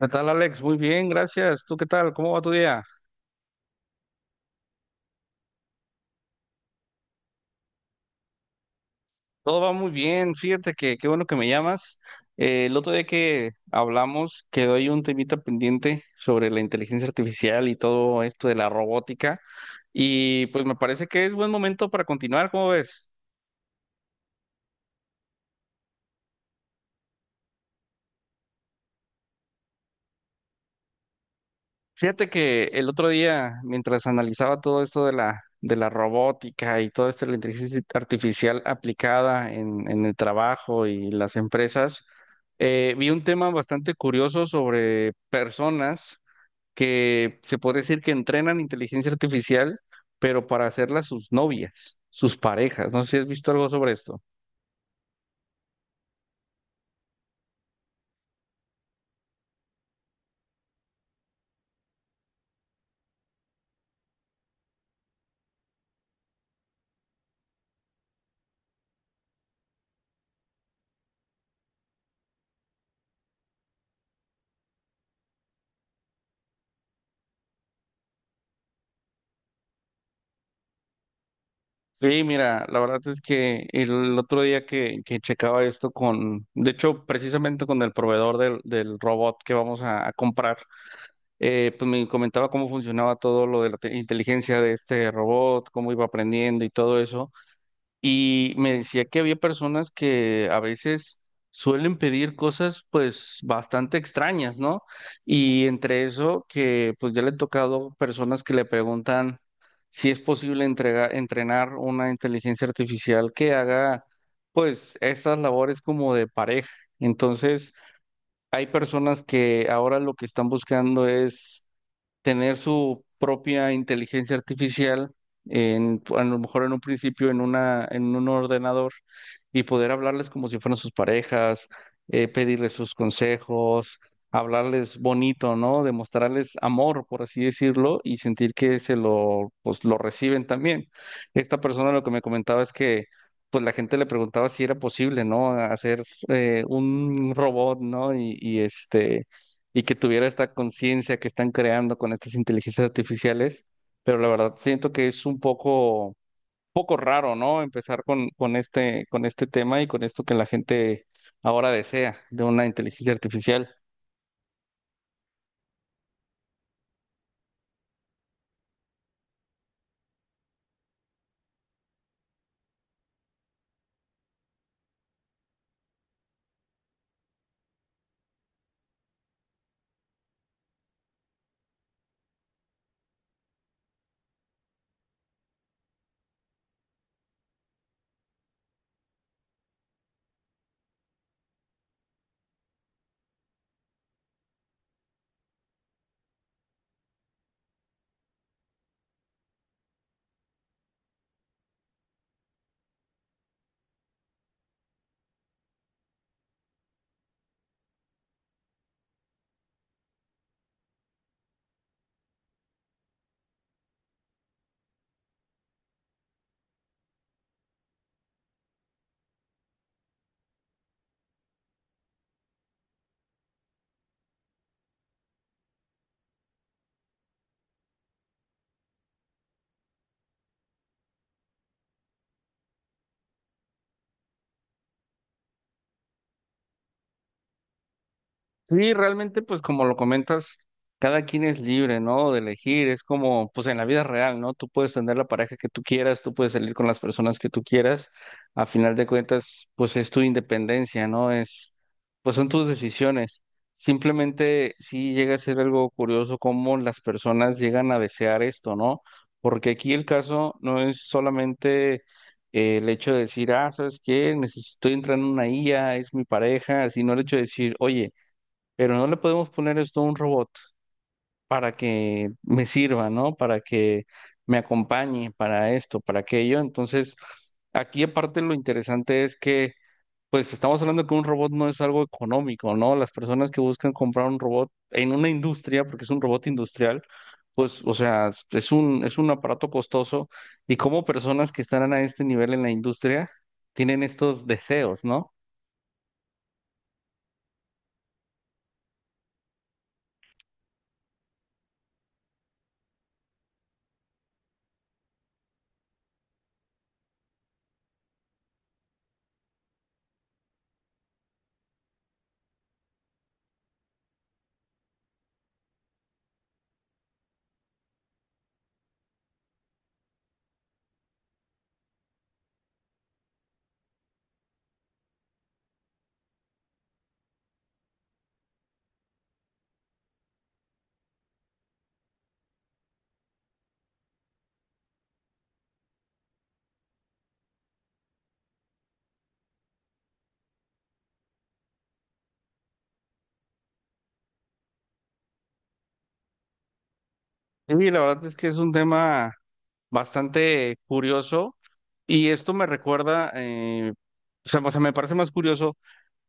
¿Qué tal, Alex? Muy bien, gracias. ¿Tú qué tal? ¿Cómo va tu día? Todo va muy bien. Fíjate que qué bueno que me llamas. El otro día que hablamos quedó ahí un temita pendiente sobre la inteligencia artificial y todo esto de la robótica. Y pues me parece que es buen momento para continuar. ¿Cómo ves? Fíjate que el otro día, mientras analizaba todo esto de la robótica y todo esto de la inteligencia artificial aplicada en el trabajo y las empresas, vi un tema bastante curioso sobre personas que se puede decir que entrenan inteligencia artificial, pero para hacerlas sus novias, sus parejas. No sé si has visto algo sobre esto. Sí, mira, la verdad es que el otro día que checaba esto con, de hecho, precisamente con el proveedor del robot que vamos a comprar, pues me comentaba cómo funcionaba todo lo de la inteligencia de este robot, cómo iba aprendiendo y todo eso. Y me decía que había personas que a veces suelen pedir cosas pues bastante extrañas, ¿no? Y entre eso que pues ya le he tocado personas que le preguntan si es posible entrenar una inteligencia artificial que haga pues estas labores como de pareja. Entonces hay personas que ahora lo que están buscando es tener su propia inteligencia artificial en, a lo mejor en un principio en en un ordenador y poder hablarles como si fueran sus parejas, pedirles sus consejos, hablarles bonito, ¿no? Demostrarles amor, por así decirlo, y sentir que se lo, pues, lo reciben también. Esta persona lo que me comentaba es que pues la gente le preguntaba si era posible, ¿no? Hacer un robot, ¿no? Y este, y que tuviera esta conciencia que están creando con estas inteligencias artificiales, pero la verdad siento que es un poco raro, ¿no? Empezar con con este tema y con esto que la gente ahora desea de una inteligencia artificial. Sí, realmente, pues como lo comentas, cada quien es libre, ¿no? De elegir, es como, pues en la vida real, ¿no? Tú puedes tener la pareja que tú quieras, tú puedes salir con las personas que tú quieras, a final de cuentas, pues es tu independencia, ¿no? Es, pues son tus decisiones. Simplemente sí llega a ser algo curioso cómo las personas llegan a desear esto, ¿no? Porque aquí el caso no es solamente el hecho de decir, ah, ¿sabes qué? Necesito entrar en una IA, es mi pareja, sino el hecho de decir, oye, pero no le podemos poner esto a un robot para que me sirva, ¿no? Para que me acompañe, para esto, para aquello. Entonces, aquí aparte lo interesante es que, pues estamos hablando que un robot no es algo económico, ¿no? Las personas que buscan comprar un robot en una industria, porque es un robot industrial, pues, o sea, es un aparato costoso y como personas que están a este nivel en la industria tienen estos deseos, ¿no? Y la verdad es que es un tema bastante curioso y esto me recuerda, o sea, me parece más curioso,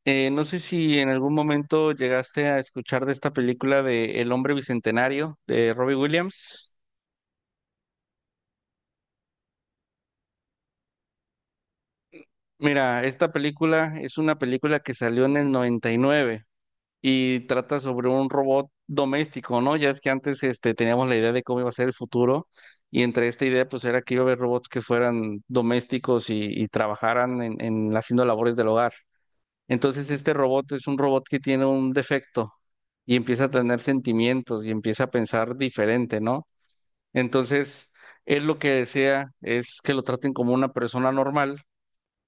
no sé si en algún momento llegaste a escuchar de esta película de El hombre bicentenario de Robbie Williams. Mira, esta película es una película que salió en el 99 y nueve y trata sobre un robot doméstico, ¿no? Ya es que antes este, teníamos la idea de cómo iba a ser el futuro y entre esta idea pues era que iba a haber robots que fueran domésticos y trabajaran en haciendo labores del hogar. Entonces este robot es un robot que tiene un defecto y empieza a tener sentimientos y empieza a pensar diferente, ¿no? Entonces, él lo que desea es que lo traten como una persona normal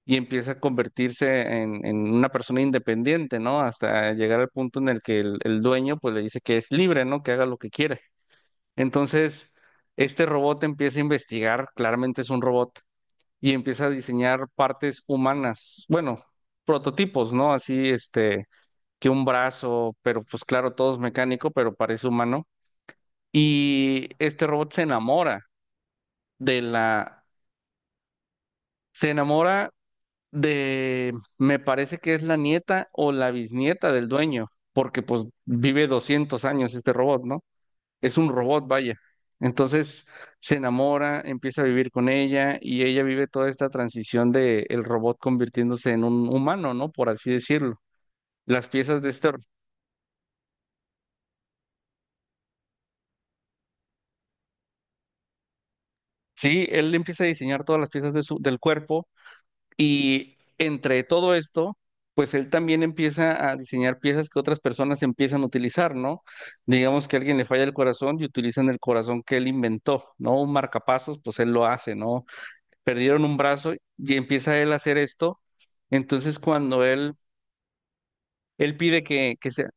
y empieza a convertirse en una persona independiente, ¿no? Hasta llegar al punto en el que el dueño pues le dice que es libre, ¿no? Que haga lo que quiere. Entonces, este robot empieza a investigar, claramente es un robot, y empieza a diseñar partes humanas, bueno, prototipos, ¿no? Así, este que un brazo, pero pues claro, todo es mecánico, pero parece humano. Y este robot se enamora de se enamora de, me parece que es la nieta o la bisnieta del dueño, porque pues vive 200 años este robot, ¿no? Es un robot, vaya. Entonces se enamora, empieza a vivir con ella y ella vive toda esta transición de el robot convirtiéndose en un humano, ¿no? Por así decirlo. Las piezas de este, sí, él empieza a diseñar todas las piezas de su, del cuerpo. Y entre todo esto, pues él también empieza a diseñar piezas que otras personas empiezan a utilizar, ¿no? Digamos que a alguien le falla el corazón y utilizan el corazón que él inventó, ¿no? Un marcapasos, pues él lo hace, ¿no? Perdieron un brazo y empieza él a hacer esto. Entonces cuando él pide que sea,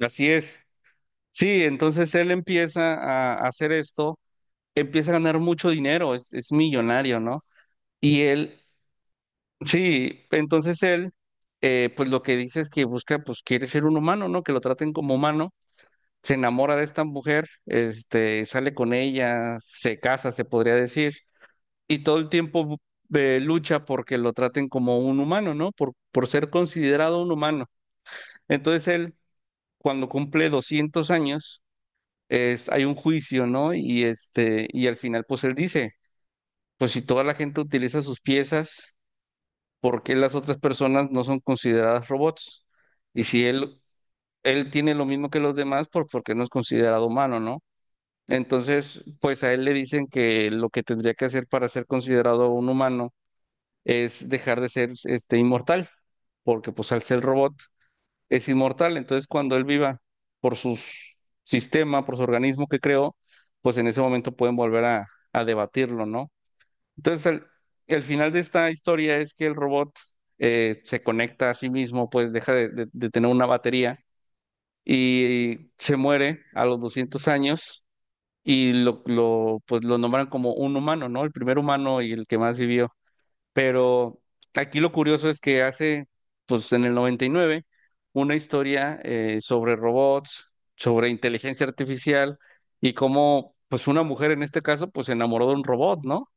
así es. Sí, entonces él empieza a hacer esto, empieza a ganar mucho dinero, es millonario, ¿no? Y él, sí, entonces él, pues lo que dice es que busca, pues quiere ser un humano, ¿no? Que lo traten como humano, se enamora de esta mujer, este, sale con ella, se casa, se podría decir, y todo el tiempo lucha porque lo traten como un humano, ¿no? Por ser considerado un humano. Entonces él, cuando cumple 200 años, es, hay un juicio, ¿no? Y este, y al final, pues él dice, pues si toda la gente utiliza sus piezas, por qué las otras personas no son consideradas robots. Y si él, él tiene lo mismo que los demás, por qué no es considerado humano, ¿no? Entonces, pues a él le dicen que lo que tendría que hacer para ser considerado un humano es dejar de ser este inmortal, porque pues al ser robot es inmortal. Entonces, cuando él viva por su sistema, por su organismo que creó, pues en ese momento pueden volver a debatirlo, ¿no? Entonces, el final de esta historia es que el robot se conecta a sí mismo, pues deja de tener una batería y se muere a los 200 años y pues lo nombran como un humano, ¿no? El primer humano y el que más vivió. Pero aquí lo curioso es que hace, pues en el 99, una historia sobre robots, sobre inteligencia artificial y cómo, pues una mujer en este caso, pues se enamoró de un robot, ¿no?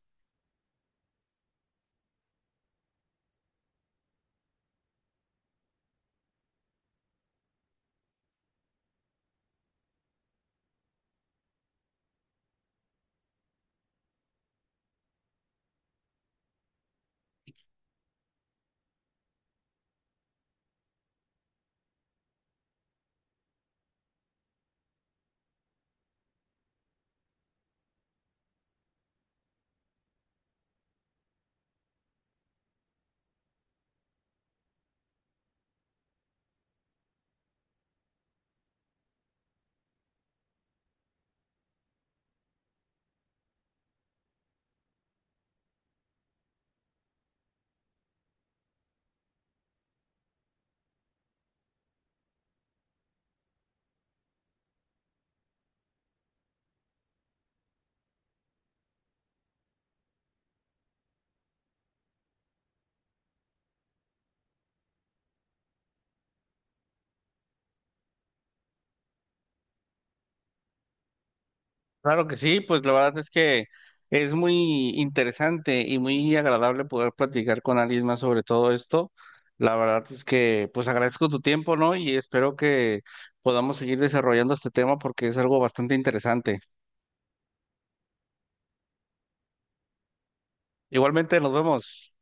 Claro que sí, pues la verdad es que es muy interesante y muy agradable poder platicar con alguien más sobre todo esto. La verdad es que pues agradezco tu tiempo, ¿no? Y espero que podamos seguir desarrollando este tema porque es algo bastante interesante. Igualmente, nos vemos.